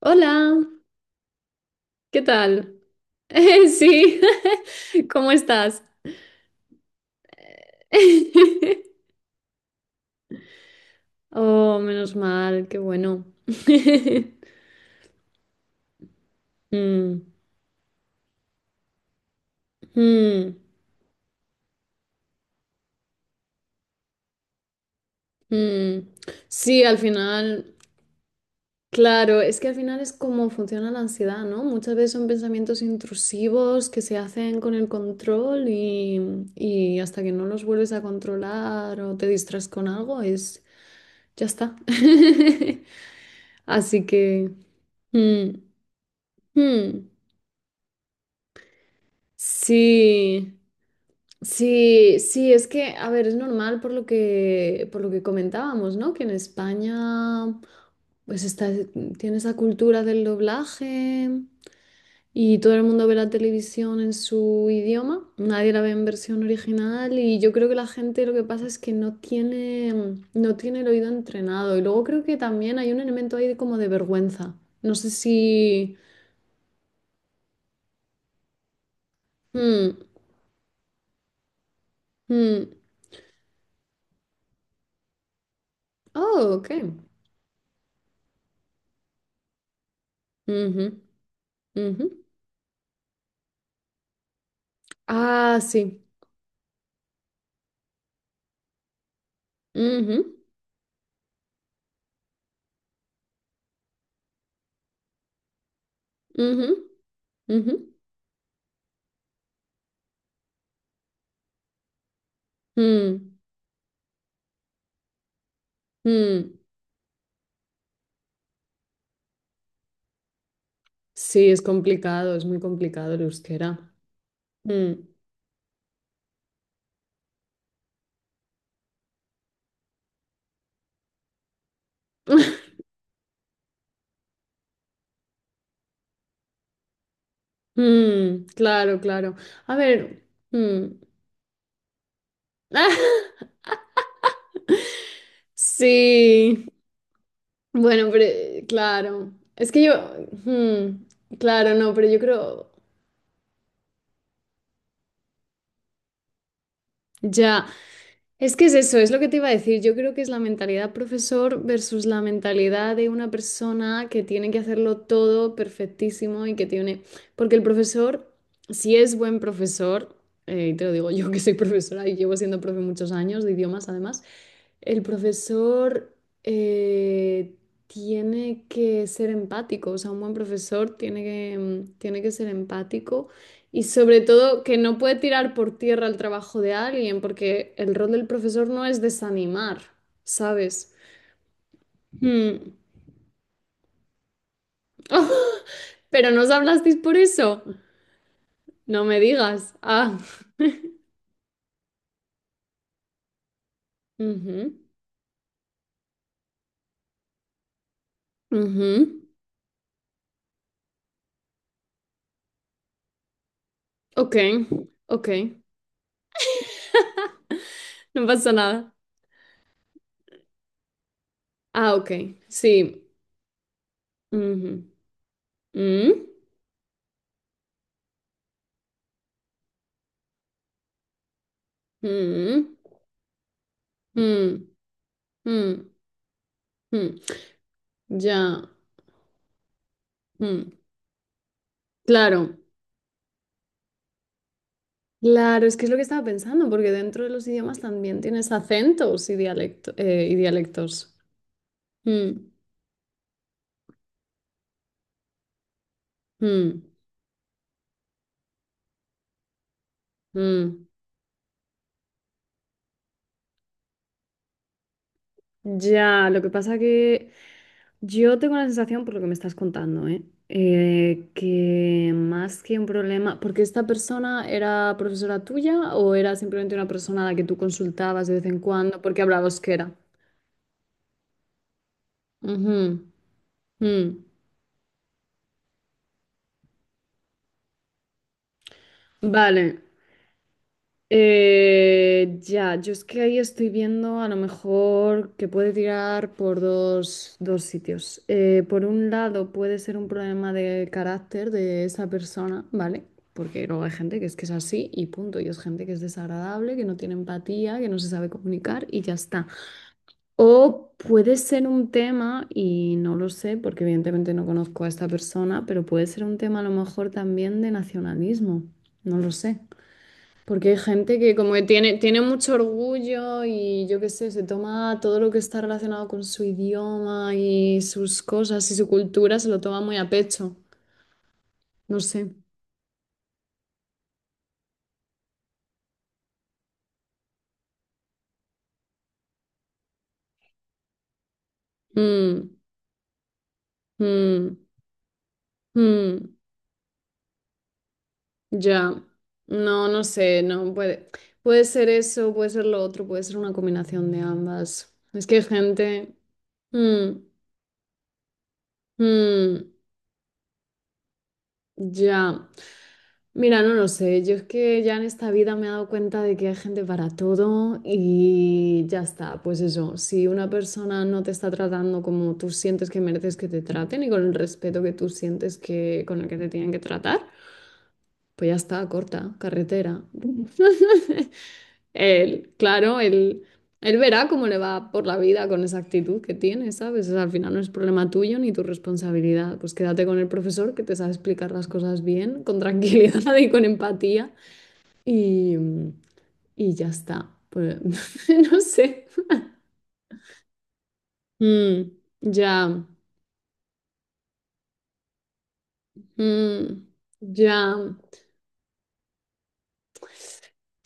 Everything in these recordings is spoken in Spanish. Hola, ¿qué tal? Sí, ¿cómo estás? Oh, menos mal, qué bueno. Mm, mm, mm. Sí, al final, claro, es que al final es como funciona la ansiedad, ¿no? Muchas veces son pensamientos intrusivos que se hacen con el control y hasta que no los vuelves a controlar o te distraes con algo, es, ya está. Así que... mm, mm. Sí, sí, sí, es que, a ver, es normal por lo que comentábamos, ¿no? Que en España, pues está, tiene esa cultura del doblaje y todo el mundo ve la televisión en su idioma, nadie la ve en versión original y yo creo que la gente lo que pasa es que no tiene el oído entrenado y luego creo que también hay un elemento ahí de como de vergüenza. No sé si... mm, mm. Oh, ok. Ujú, ujú. Ah, sí. Ujú, ujú, ujú. Mm, mm. Sí, es complicado, es muy complicado el euskera. Mm. Mm, claro, claro. A ver. Mm. Sí. Bueno, pero claro. Es que yo. Mm. Claro, no, pero yo creo. Ya, es que es eso, es lo que te iba a decir. Yo creo que es la mentalidad profesor versus la mentalidad de una persona que tiene que hacerlo todo perfectísimo y que tiene... Porque el profesor, si es buen profesor, y te lo digo yo que soy profesora y llevo siendo profe muchos años de idiomas además, el profesor eh, tiene que ser empático, o sea, un buen profesor tiene que ser empático y sobre todo que no puede tirar por tierra el trabajo de alguien, porque el rol del profesor no es desanimar, ¿sabes? Hmm. ¿Pero no os hablasteis por eso? No me digas. Ah. Ujú, ujú. Ok, ok. No pasa nada. Ah, ok. Sí. Ujú. Mm, mm, mm, mm, mm. Ya. Mm. Claro. Claro, es que es lo que estaba pensando, porque dentro de los idiomas también tienes acentos y, dialecto- y dialectos. Mm, mm, mm. Ya, lo que pasa que yo tengo la sensación, por lo que me estás contando, ¿eh? Que más que un problema, porque esta persona era profesora tuya o era simplemente una persona a la que tú consultabas de vez en cuando porque hablaba euskera. Ujú, mm. Vale. Ya, yo es que ahí estoy viendo a lo mejor que puede tirar por dos sitios. Por un lado puede ser un problema de carácter de esa persona, ¿vale? Porque luego hay gente que es así y punto, y es gente que es desagradable, que no tiene empatía, que no se sabe comunicar y ya está. O puede ser un tema, y no lo sé porque evidentemente no conozco a esta persona, pero puede ser un tema a lo mejor también de nacionalismo, no lo sé. Porque hay gente que como que tiene mucho orgullo y yo qué sé, se toma todo lo que está relacionado con su idioma y sus cosas y su cultura, se lo toma muy a pecho. No sé. Mm, mm, mm, ya. No, no sé, no puede. Puede ser eso, puede ser lo otro, puede ser una combinación de ambas. Es que hay gente. Mm, mm, ya. Mira, no lo sé. Yo es que ya en esta vida me he dado cuenta de que hay gente para todo y ya está. Pues eso, si una persona no te está tratando como tú sientes que mereces que te traten y con el respeto que tú sientes que con el que te tienen que tratar, pues ya está, corta, carretera. Él, claro, él verá cómo le va por la vida con esa actitud que tiene, ¿sabes? O sea, al final no es problema tuyo ni tu responsabilidad. Pues quédate con el profesor que te sabe explicar las cosas bien, con tranquilidad y con empatía y, y ya está. Pues, no sé. Mm, ya, mm, ya,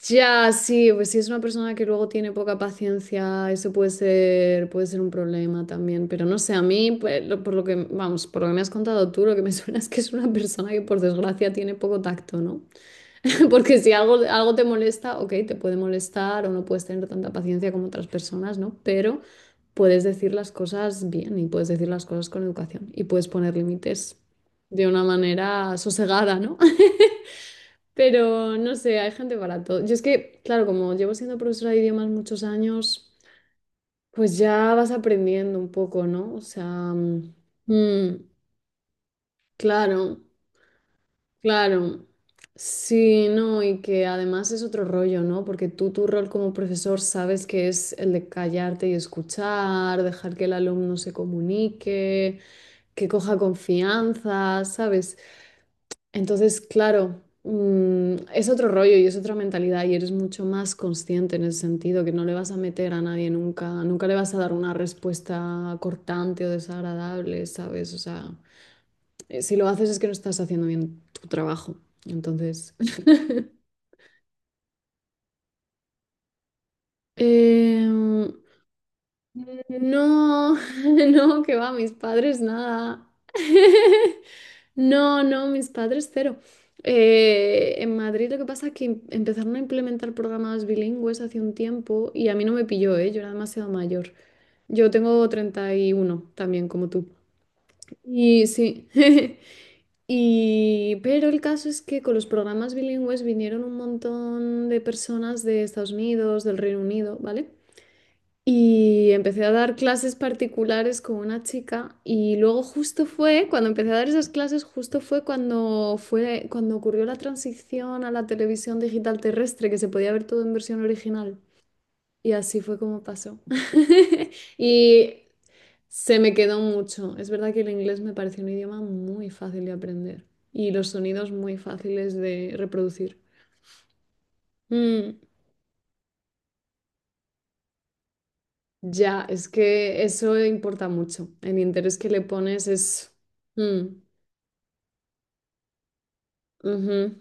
ya, sí, pues si es una persona que luego tiene poca paciencia, eso puede ser un problema también, pero no sé, a mí, pues, lo- por lo que, vamos, por lo que me has contado tú, lo que me suena es que es una persona que por desgracia tiene poco tacto, ¿no? Porque si algo, algo te molesta, ok, te puede molestar o no puedes tener tanta paciencia como otras personas, ¿no? Pero puedes decir las cosas bien y puedes decir las cosas con educación y puedes poner límites de una manera sosegada, ¿no? Pero no sé, hay gente para todo. Yo es que, claro, como llevo siendo profesora de idiomas muchos años, pues ya vas aprendiendo un poco, ¿no? O sea, mm, mm, claro. Claro, sí, no, y que además es otro rollo, ¿no? Porque tú tu rol como profesor sabes que es el de callarte y escuchar, dejar que el alumno se comunique, que coja confianza, ¿sabes? Entonces, claro, mm, es otro rollo y es otra mentalidad y eres mucho más consciente en ese sentido, que no le vas a meter a nadie nunca, nunca le vas a dar una respuesta cortante o desagradable, ¿sabes? O sea si lo haces es que no estás haciendo bien tu trabajo. Entonces, no, no, que va, mis padres nada. No, no, mis padres cero. En Madrid lo que pasa es que empezaron a implementar programas bilingües hace un tiempo y a mí no me pilló, ¿eh? Yo era demasiado mayor. Yo tengo 31 también, como tú. Y sí. Y, pero el caso es que con los programas bilingües vinieron un montón de personas de Estados Unidos, del Reino Unido, ¿vale? Y empecé a dar clases particulares con una chica y luego justo fue, cuando empecé a dar esas clases, justo fue cuando ocurrió la transición a la televisión digital terrestre, que se podía ver todo en versión original. Y así fue como pasó. Y se me quedó mucho. Es verdad que el inglés me parece un idioma muy fácil de aprender y los sonidos muy fáciles de reproducir. Mm, ya, es que eso importa mucho. El interés que le pones es... Mm, ujú,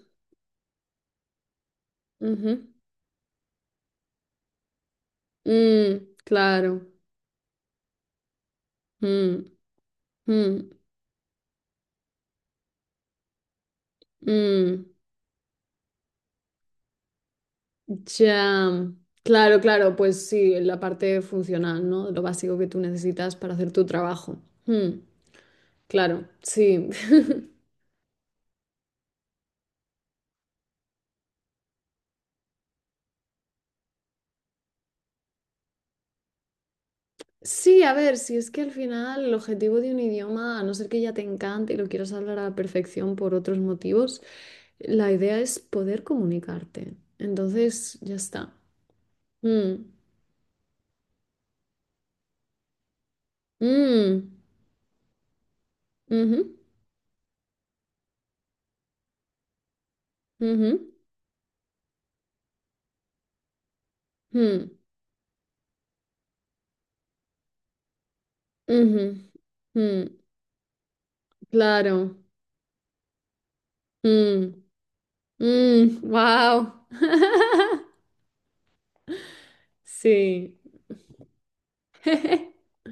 ujú, mm, claro. Mm, mm, mm, ya. Claro, claro, pues sí, la parte funcional, ¿no? Lo básico que tú necesitas para hacer tu trabajo. Mm, claro, sí. Sí, a ver, si es que al final el objetivo de un idioma, a no ser que ya te encante y lo quieras hablar a la perfección por otros motivos, la idea es poder comunicarte. Entonces, ya está. Mm, mm, ujú, ujú, mm, ujú, mm, claro. Mm, mm, wow. Sí.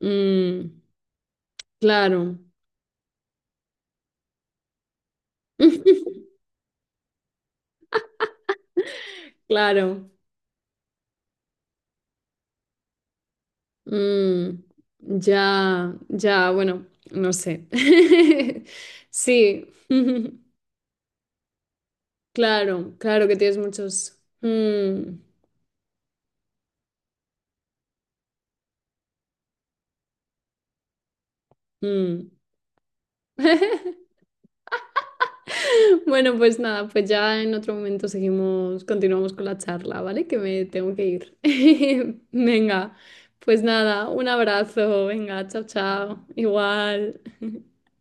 Mm, claro. Claro. Mm, ya, ya, bueno, no sé. Sí, claro, claro que tienes muchos. Mm, mm. Bueno, pues nada, pues ya en otro momento seguimos, continuamos con la charla, ¿vale? Que me tengo que ir. Venga, pues nada, un abrazo, venga, chao, chao, igual.